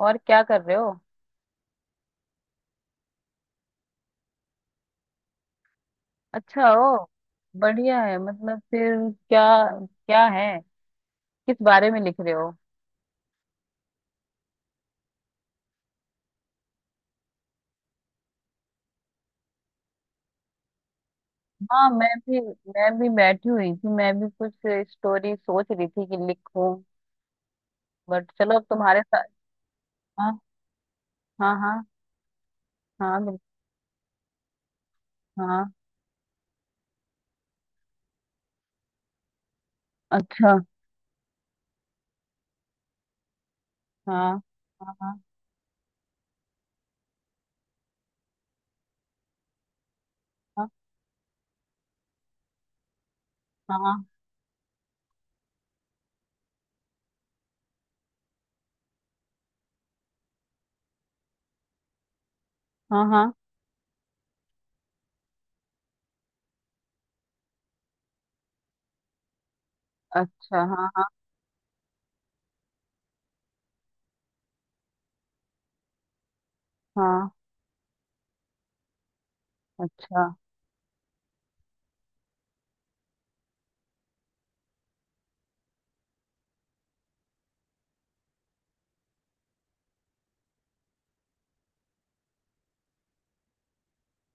और क्या कर रहे हो। अच्छा। ओ, बढ़िया है। मतलब फिर क्या, क्या है, किस बारे में लिख रहे हो। हाँ, मैं भी बैठी हुई थी। मैं भी कुछ स्टोरी सोच रही थी कि लिखूं। बट चलो अब तुम्हारे साथ। हाँ। हाँ हाँ। हाँ बिल्कुल। हाँ। अच्छा। हाँ हाँ। हाँ। हाँ। हाँ। हाँ। हाँ, अच्छा। हाँ हाँ। अच्छा।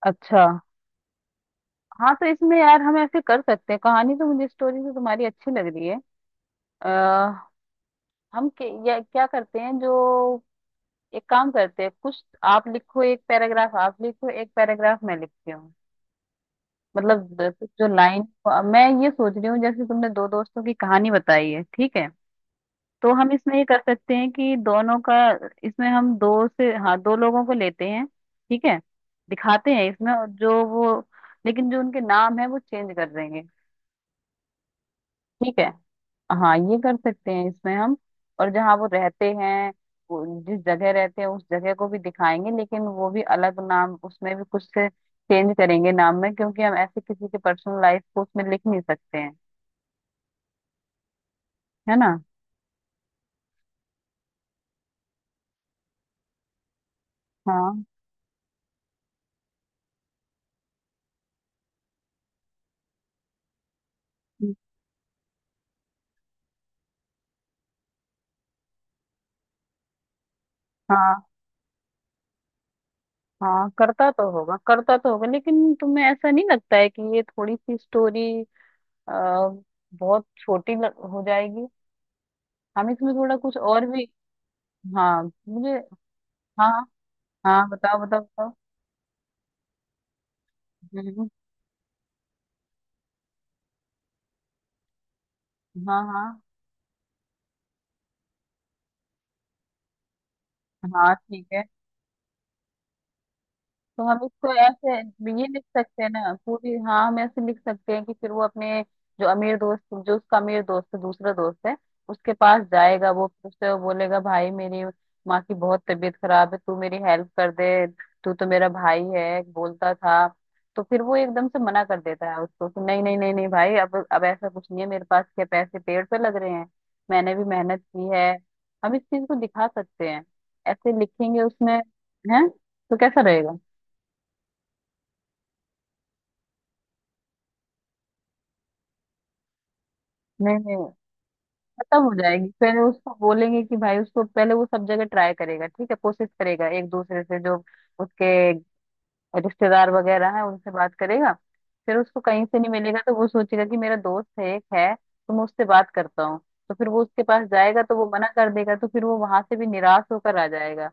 अच्छा। हाँ तो इसमें यार हम ऐसे कर सकते हैं। कहानी तो, मुझे स्टोरी तो तुम्हारी अच्छी लग रही है। अ हम क्या करते हैं जो, एक काम करते हैं, कुछ आप लिखो, एक पैराग्राफ आप लिखो, एक पैराग्राफ मैं लिखती हूँ। मतलब जो लाइन, मैं ये सोच रही हूँ, जैसे तुमने दो दोस्तों की कहानी बताई है, ठीक है। तो हम इसमें ये कर सकते हैं कि दोनों का, इसमें हम दो से, हाँ, दो लोगों को लेते हैं, ठीक है। दिखाते हैं इसमें, और जो वो, लेकिन जो उनके नाम है वो चेंज कर देंगे, ठीक है। हाँ, ये कर सकते हैं इसमें हम। और जहाँ वो रहते हैं, वो जिस जगह रहते हैं उस जगह को भी दिखाएंगे, लेकिन वो भी अलग नाम, उसमें भी कुछ से चेंज करेंगे नाम में, क्योंकि हम ऐसे किसी की पर्सनल लाइफ को उसमें लिख नहीं सकते हैं, है ना। हाँ। हम्म, हाँ हाँ करता तो होगा, करता तो होगा, लेकिन तुम्हें ऐसा नहीं लगता है कि ये थोड़ी सी स्टोरी बहुत छोटी हो जाएगी। हम इसमें थोड़ा कुछ और भी, हाँ मुझे, हाँ। हाँ, बताओ बताओ बताओ। हम्म, हाँ हाँ। हाँ ठीक है। तो हम इसको ऐसे भी ये लिख सकते हैं ना पूरी। हाँ, हम ऐसे लिख सकते हैं कि फिर वो अपने, जो अमीर दोस्त, जो उसका अमीर दोस्त है, दूसरा दोस्त है, उसके पास जाएगा। वो फिर उससे वो बोलेगा भाई मेरी माँ की बहुत तबीयत खराब है, तू मेरी हेल्प कर दे, तू तो मेरा भाई है बोलता था। तो फिर वो एकदम से मना कर देता है उसको कि नहीं नहीं नहीं नहीं भाई, अब ऐसा कुछ नहीं है मेरे पास, क्या पैसे पेड़ पे लग रहे हैं, मैंने भी मेहनत की है। हम इस चीज को दिखा सकते हैं, ऐसे लिखेंगे उसमें, है तो कैसा रहेगा। नहीं नहीं, खत्म हो जाएगी। फिर उसको बोलेंगे कि भाई, उसको पहले वो सब जगह ट्राई करेगा, ठीक है, कोशिश करेगा एक दूसरे से, जो उसके रिश्तेदार वगैरह हैं उनसे बात करेगा। फिर उसको कहीं से नहीं मिलेगा, तो वो सोचेगा कि मेरा दोस्त है एक, है तो मैं उससे बात करता हूँ। तो फिर वो उसके पास जाएगा, तो वो मना कर देगा, तो फिर वो वहां से भी निराश होकर आ जाएगा।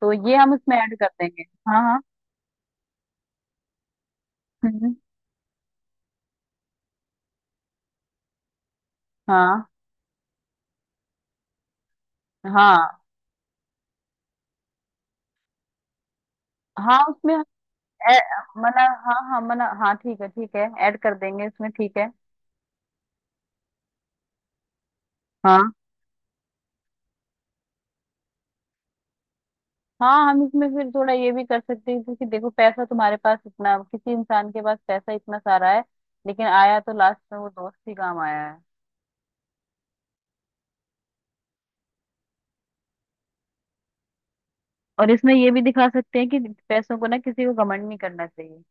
तो ये हम इसमें ऐड कर देंगे। हाँ हाँ। हम्म, हम्म, हाँ हाँ हाँ उसमें हम, ए- मना, हाँ हाँ, मना, हाँ, ठीक है ठीक है, ऐड कर देंगे इसमें, ठीक है। हाँ हाँ। हम इसमें फिर थोड़ा ये भी कर सकते हैं, क्योंकि देखो पैसा तुम्हारे पास इतना, किसी इंसान के पास पैसा इतना सारा है, लेकिन आया तो लास्ट में वो दोस्त ही काम आया है। और इसमें ये भी दिखा सकते हैं कि पैसों को ना, किसी को घमंड नहीं करना चाहिए।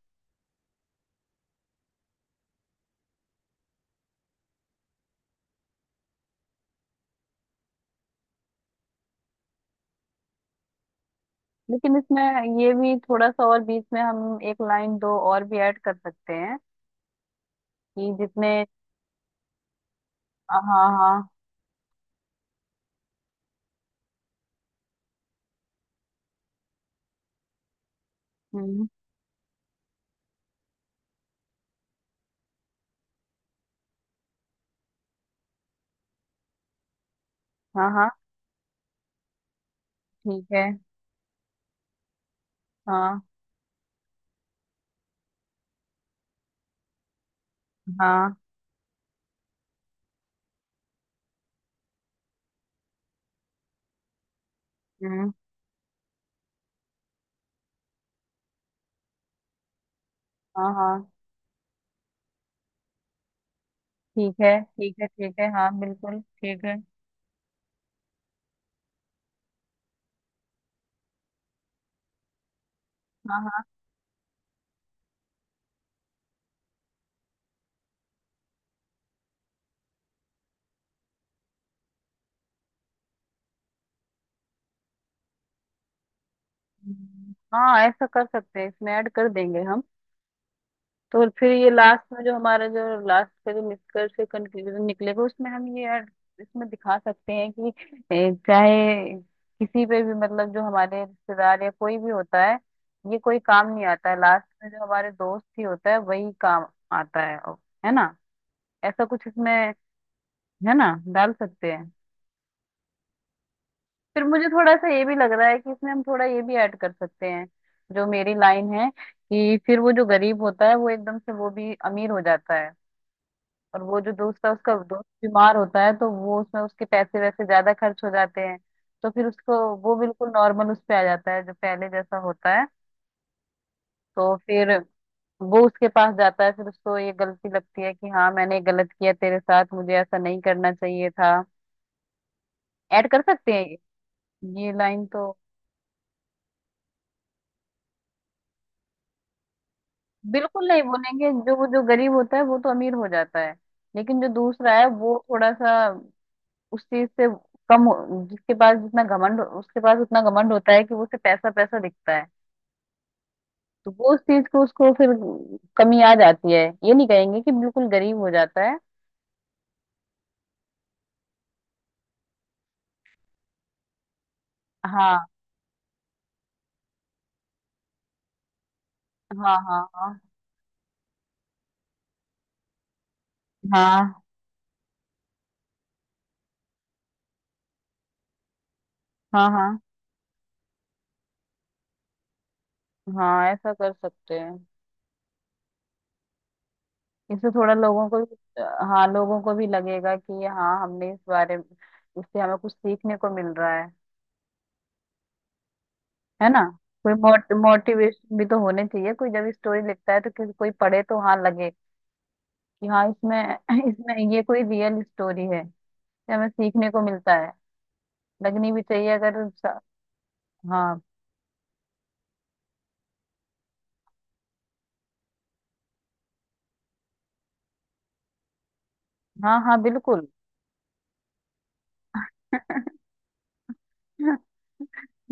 लेकिन इसमें ये भी थोड़ा सा और बीच में हम एक लाइन दो और भी ऐड कर सकते हैं, कि जितने, हाँ हाँ। हम्म हाँ हाँ ठीक है। हाँ हाँ। हम्म हाँ हाँ ठीक है ठीक है ठीक है, हाँ बिल्कुल ठीक है। हाँ हाँ। हम्म। हाँ ऐसा कर सकते हैं, इसमें ऐड कर देंगे हम। तो फिर ये लास्ट में जो हमारा, जो लास्ट का जो निष्कर्ष, कंक्लूजन निकलेगा, उसमें हम ये ऐड, इसमें दिखा सकते हैं कि चाहे किसी पे भी, मतलब जो हमारे रिश्तेदार या कोई भी होता है, ये कोई काम नहीं आता है। लास्ट में जो हमारे दोस्त ही होता है वही काम आता है ना। ऐसा कुछ इसमें, है ना, डाल सकते हैं। फिर मुझे थोड़ा सा ये भी लग रहा है कि इसमें हम थोड़ा ये भी ऐड कर सकते हैं, जो मेरी लाइन है, कि फिर वो जो गरीब होता है वो एकदम से वो भी अमीर हो जाता है, और वो जो दोस्त है उसका दोस्त बीमार होता है, तो वो उसमें उसके पैसे वैसे ज्यादा खर्च हो जाते हैं, तो फिर उसको वो बिल्कुल नॉर्मल उस पे आ जाता है, जो पहले जैसा होता है। तो फिर वो उसके पास जाता है, फिर उसको ये गलती लगती है कि हाँ मैंने गलत किया तेरे साथ, मुझे ऐसा नहीं करना चाहिए था। ऐड कर सकते हैं, ये लाइन तो। बिल्कुल नहीं बोलेंगे, जो जो गरीब होता है वो तो अमीर हो जाता है, लेकिन जो दूसरा है वो थोड़ा सा उस चीज से जिसके पास जितना घमंड, उसके पास उतना घमंड होता है कि वो उसे पैसा पैसा दिखता है। तो वो उस चीज को, उसको फिर कमी आ जाती है, ये नहीं कहेंगे कि बिल्कुल गरीब हो जाता है। हाँ हाँ हाँ। हाँ हाँ हाँ। हाँ, हाँ ऐसा कर सकते हैं। इससे थोड़ा लोगों को भी, हाँ, लोगों को भी लगेगा कि हाँ हमने इस बारे में, इससे हमें कुछ सीखने को मिल रहा है ना। कोई मोटिवेशन भी तो होने चाहिए, कोई जब स्टोरी लिखता है तो, किसी कोई पढ़े तो हाँ लगे कि हाँ इसमें इसमें ये कोई रियल स्टोरी है, ये हमें सीखने को मिलता है, लगनी भी चाहिए। अगर हाँ हाँ, हाँ बिल्कुल।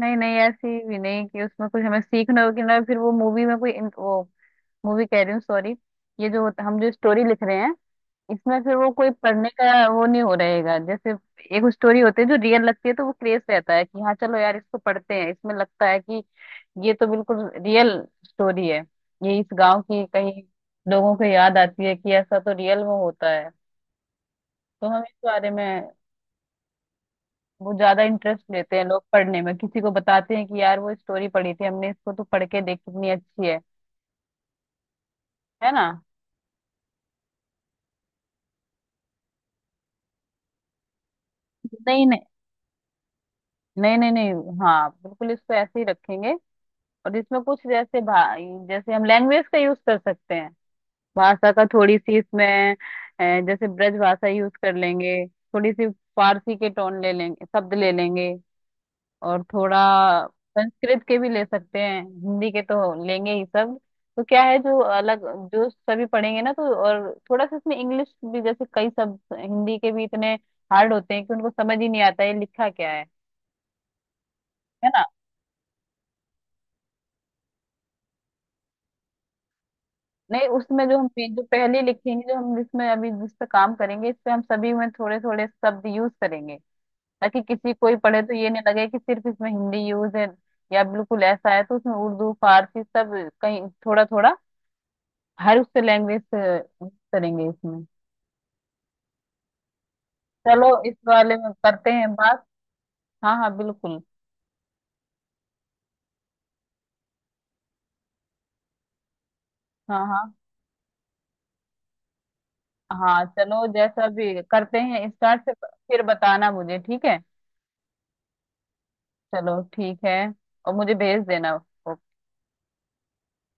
नहीं नहीं, ऐसी भी नहीं कि उसमें कुछ हमें सीखना हो कि, ना फिर वो मूवी में कोई वो, मूवी कह रही हूँ सॉरी, ये जो हम जो स्टोरी लिख रहे हैं, इसमें फिर वो कोई पढ़ने का वो नहीं हो रहेगा। जैसे एक स्टोरी होती है जो रियल लगती है, तो वो क्रेज रहता है कि हाँ चलो यार इसको पढ़ते हैं, इसमें लगता है कि ये तो बिल्कुल रियल स्टोरी है, ये इस गांव की कहीं, लोगों को याद आती है कि ऐसा तो रियल में होता है। तो हम इस बारे में, वो ज्यादा इंटरेस्ट लेते हैं लोग पढ़ने में, किसी को बताते हैं कि यार वो स्टोरी पढ़ी थी हमने, इसको तो पढ़ के देख कितनी अच्छी है ना। नहीं नहीं नहीं नहीं नहीं, हाँ बिल्कुल इसको ऐसे ही रखेंगे। और इसमें कुछ जैसे भा जैसे हम लैंग्वेज का यूज कर सकते हैं, भाषा का थोड़ी सी इसमें, जैसे ब्रज भाषा यूज कर लेंगे, थोड़ी सी फारसी के टोन ले लेंगे, शब्द ले लेंगे, और थोड़ा संस्कृत के भी ले सकते हैं, हिंदी के तो लेंगे ही शब्द। तो क्या है जो अलग, जो सभी पढ़ेंगे ना तो, और थोड़ा सा इसमें इंग्लिश भी, जैसे कई शब्द हिंदी के भी इतने हार्ड होते हैं कि उनको समझ ही नहीं आता है लिखा क्या है ना। नहीं, उसमें जो जो पहले लिखेंगे, जो हम इसमें अभी जिस पे काम करेंगे इस पे हम सभी में थोड़े थोड़े शब्द यूज करेंगे, ताकि किसी कोई पढ़े तो ये नहीं लगे कि सिर्फ इसमें हिंदी यूज है, या बिल्कुल ऐसा है तो उसमें उर्दू फारसी सब कहीं थोड़ा थोड़ा हर उससे लैंग्वेज करेंगे इसमें। चलो इस वाले में करते हैं बात। हाँ हाँ बिल्कुल। हाँ हाँ हाँ चलो, जैसा भी करते हैं स्टार्ट से फिर बताना मुझे, ठीक है। चलो ठीक है, और मुझे भेज देना।